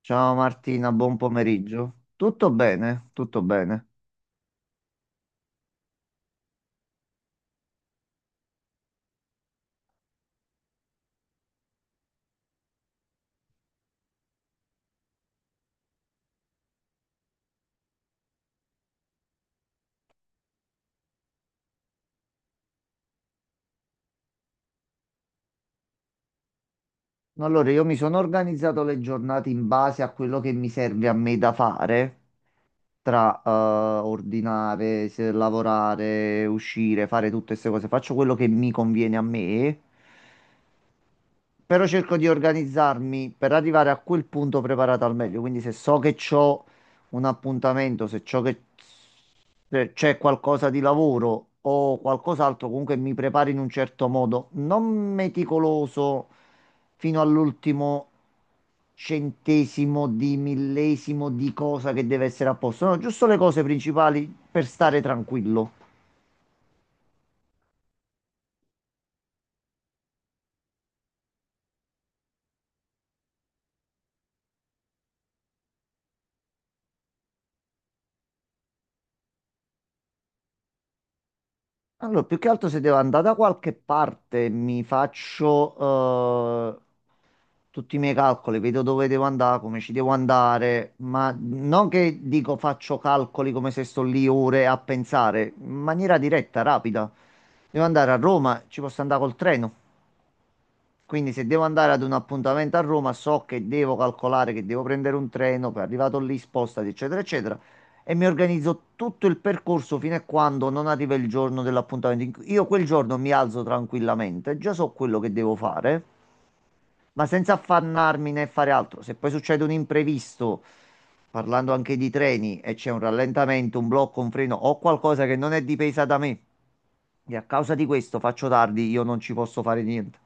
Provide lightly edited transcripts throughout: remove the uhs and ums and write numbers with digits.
Ciao Martina, buon pomeriggio. Tutto bene, tutto bene. Allora, io mi sono organizzato le giornate in base a quello che mi serve a me da fare, tra ordinare, lavorare, uscire, fare tutte queste cose. Faccio quello che mi conviene a me, però cerco di organizzarmi per arrivare a quel punto preparato al meglio. Quindi se so che ho un appuntamento, se ciò che Cioè, c'è qualcosa di lavoro o qualcos'altro, comunque mi preparo in un certo modo, non meticoloso fino all'ultimo centesimo di millesimo di cosa che deve essere a posto, no, giusto le cose principali per stare tranquillo. Allora, più che altro se devo andare da qualche parte, mi faccio tutti i miei calcoli, vedo dove devo andare, come ci devo andare, ma non che dico faccio calcoli come se sto lì ore a pensare, in maniera diretta, rapida. Devo andare a Roma, ci posso andare col treno. Quindi se devo andare ad un appuntamento a Roma, so che devo calcolare che devo prendere un treno, poi arrivato lì spostati, eccetera, eccetera, e mi organizzo tutto il percorso fino a quando non arriva il giorno dell'appuntamento. Io quel giorno mi alzo tranquillamente, già so quello che devo fare, ma senza affannarmi né fare altro. Se poi succede un imprevisto, parlando anche di treni, e c'è un rallentamento, un blocco, un freno o qualcosa che non è dipesa da me, e a causa di questo faccio tardi, io non ci posso fare niente.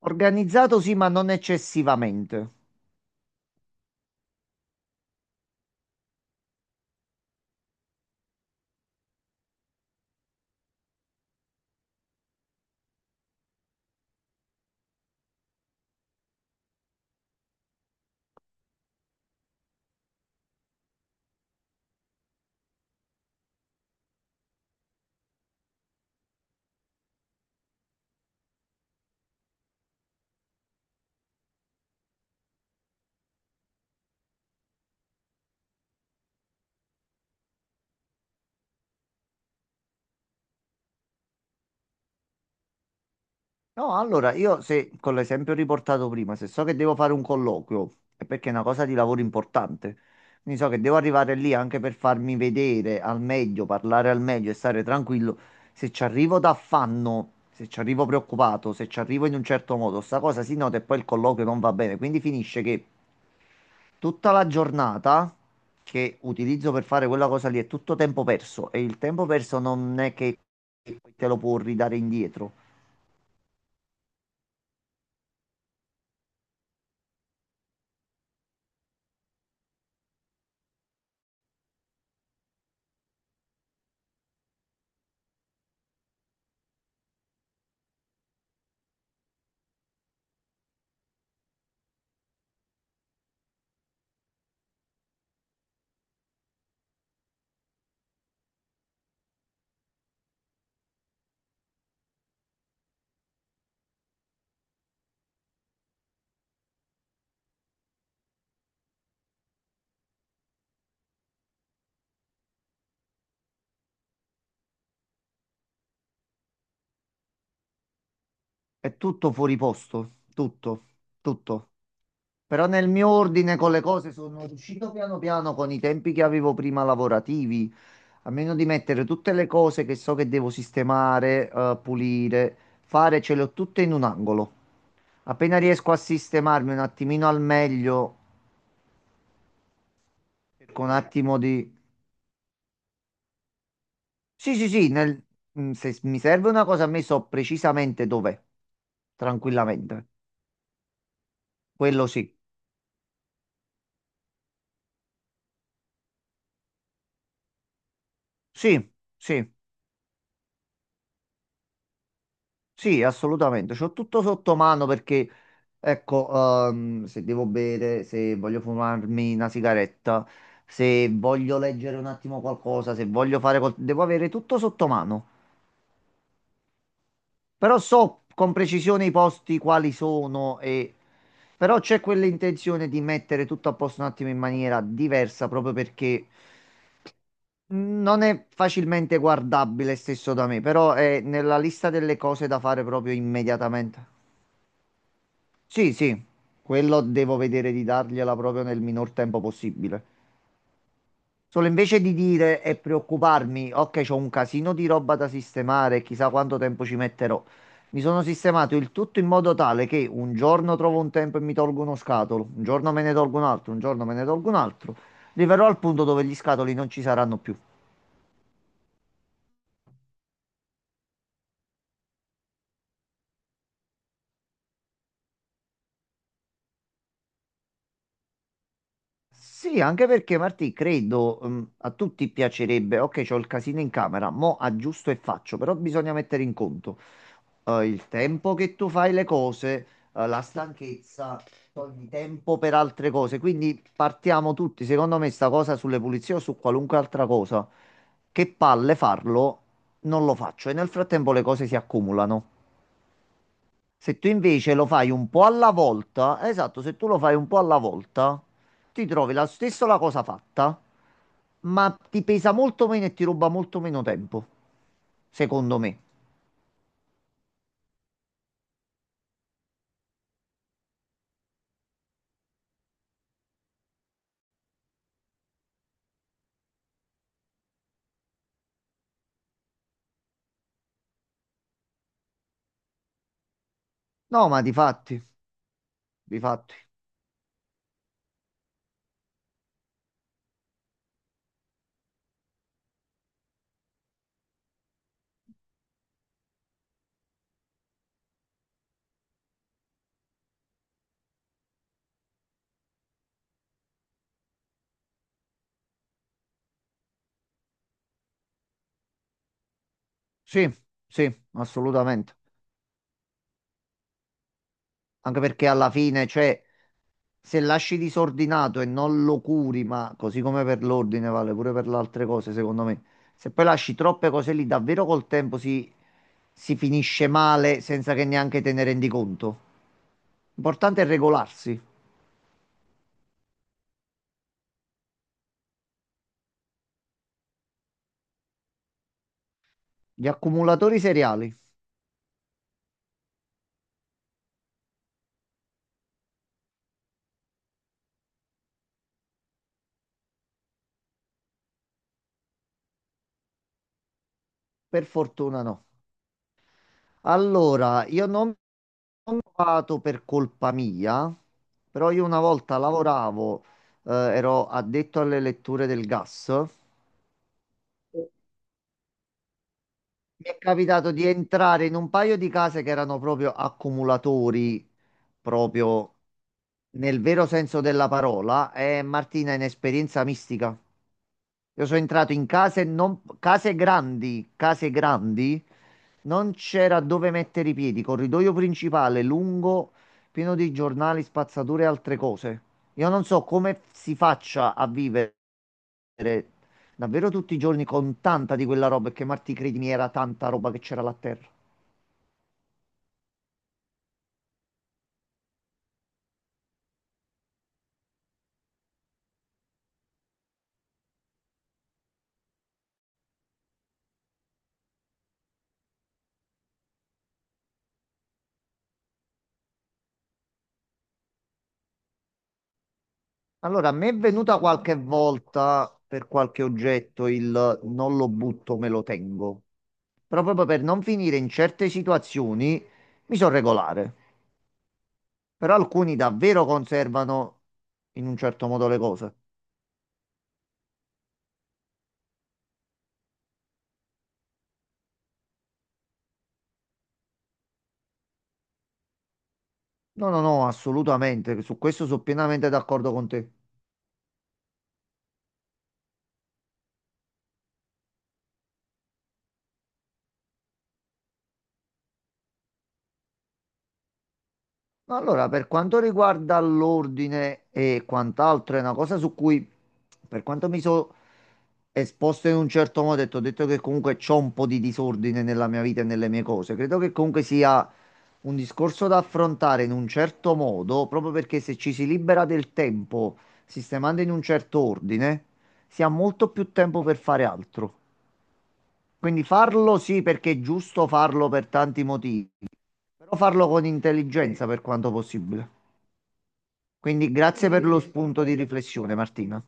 Organizzato sì, ma non eccessivamente. No, allora io se con l'esempio riportato prima, se so che devo fare un colloquio, è perché è una cosa di lavoro importante. Quindi so che devo arrivare lì anche per farmi vedere al meglio, parlare al meglio e stare tranquillo. Se ci arrivo d'affanno, se ci arrivo preoccupato, se ci arrivo in un certo modo, sta cosa si nota e poi il colloquio non va bene. Quindi finisce che tutta la giornata che utilizzo per fare quella cosa lì è tutto tempo perso e il tempo perso non è che te lo può ridare indietro. È tutto fuori posto, tutto, tutto. Però nel mio ordine con le cose sono riuscito piano piano con i tempi che avevo prima lavorativi, a meno di mettere tutte le cose che so che devo sistemare, pulire, fare, ce le ho tutte in un angolo. Appena riesco a sistemarmi un attimino al meglio, cerco un attimo di... Sì, sì, sì, se mi serve una cosa a me so precisamente dov'è, tranquillamente. Quello sì. Sì, sì. Sì, assolutamente, c'ho tutto sotto mano perché, ecco, se devo bere, se voglio fumarmi una sigaretta, se voglio leggere un attimo qualcosa, se voglio devo avere tutto sotto mano. Però so con precisione i posti quali sono e... Però c'è quell'intenzione di mettere tutto a posto un attimo in maniera diversa proprio perché non è facilmente guardabile stesso da me, però è nella lista delle cose da fare proprio immediatamente. Sì, sì, quello devo vedere di dargliela proprio nel minor tempo possibile. Solo invece di dire e preoccuparmi, ok, c'ho un casino di roba da sistemare, chissà quanto tempo ci metterò. Mi sono sistemato il tutto in modo tale che un giorno trovo un tempo e mi tolgo uno scatolo, un giorno me ne tolgo un altro, un giorno me ne tolgo un altro. Arriverò al punto dove gli scatoli non ci saranno più. Sì, anche perché Martì, credo, a tutti piacerebbe, ok, c'ho il casino in camera, mo aggiusto e faccio, però bisogna mettere in conto. Il tempo che tu fai le cose, la stanchezza, togli tempo per altre cose. Quindi partiamo tutti, secondo me, sta cosa sulle pulizie o su qualunque altra cosa. Che palle farlo, non lo faccio e nel frattempo le cose si accumulano. Se tu invece lo fai un po' alla volta, esatto, se tu lo fai un po' alla volta, ti trovi la stessa la cosa fatta, ma ti pesa molto meno e ti ruba molto meno tempo, secondo me. No, ma di fatti, di fatti. Sì, sì, assolutamente. Anche perché alla fine, cioè, se lasci disordinato e non lo curi, ma così come per l'ordine vale pure per le altre cose, secondo me. Se poi lasci troppe cose lì, davvero col tempo si finisce male senza che neanche te ne rendi conto. L'importante è regolarsi. Gli accumulatori seriali, per fortuna no. Allora, io non ho provato per colpa mia, però io una volta lavoravo, ero addetto alle letture del gas. Mi è capitato di entrare in un paio di case che erano proprio accumulatori, proprio nel vero senso della parola. E Martina, in esperienza mistica. Io sono entrato in case, non, case grandi, non c'era dove mettere i piedi, corridoio principale lungo, pieno di giornali, spazzature e altre cose. Io non so come si faccia a vivere davvero tutti i giorni con tanta di quella roba, perché Marti, credimi, era tanta roba che c'era là a terra. Allora, a me è venuta qualche volta per qualche oggetto il non lo butto, me lo tengo. Però proprio per non finire in certe situazioni mi sono regolare. Però alcuni davvero conservano in un certo modo le cose. No, no, no, assolutamente. Su questo sono pienamente d'accordo con te. Allora, per quanto riguarda l'ordine e quant'altro, è una cosa su cui, per quanto mi sono esposto in un certo modo, e ti ho detto che comunque c'ho un po' di disordine nella mia vita e nelle mie cose. Credo che comunque sia un discorso da affrontare in un certo modo, proprio perché se ci si libera del tempo sistemando in un certo ordine, si ha molto più tempo per fare altro. Quindi farlo sì, perché è giusto farlo per tanti motivi, però farlo con intelligenza per quanto possibile. Quindi grazie per lo spunto di riflessione, Martina.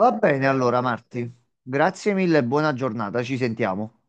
Va bene allora, Marti. Grazie mille e buona giornata. Ci sentiamo.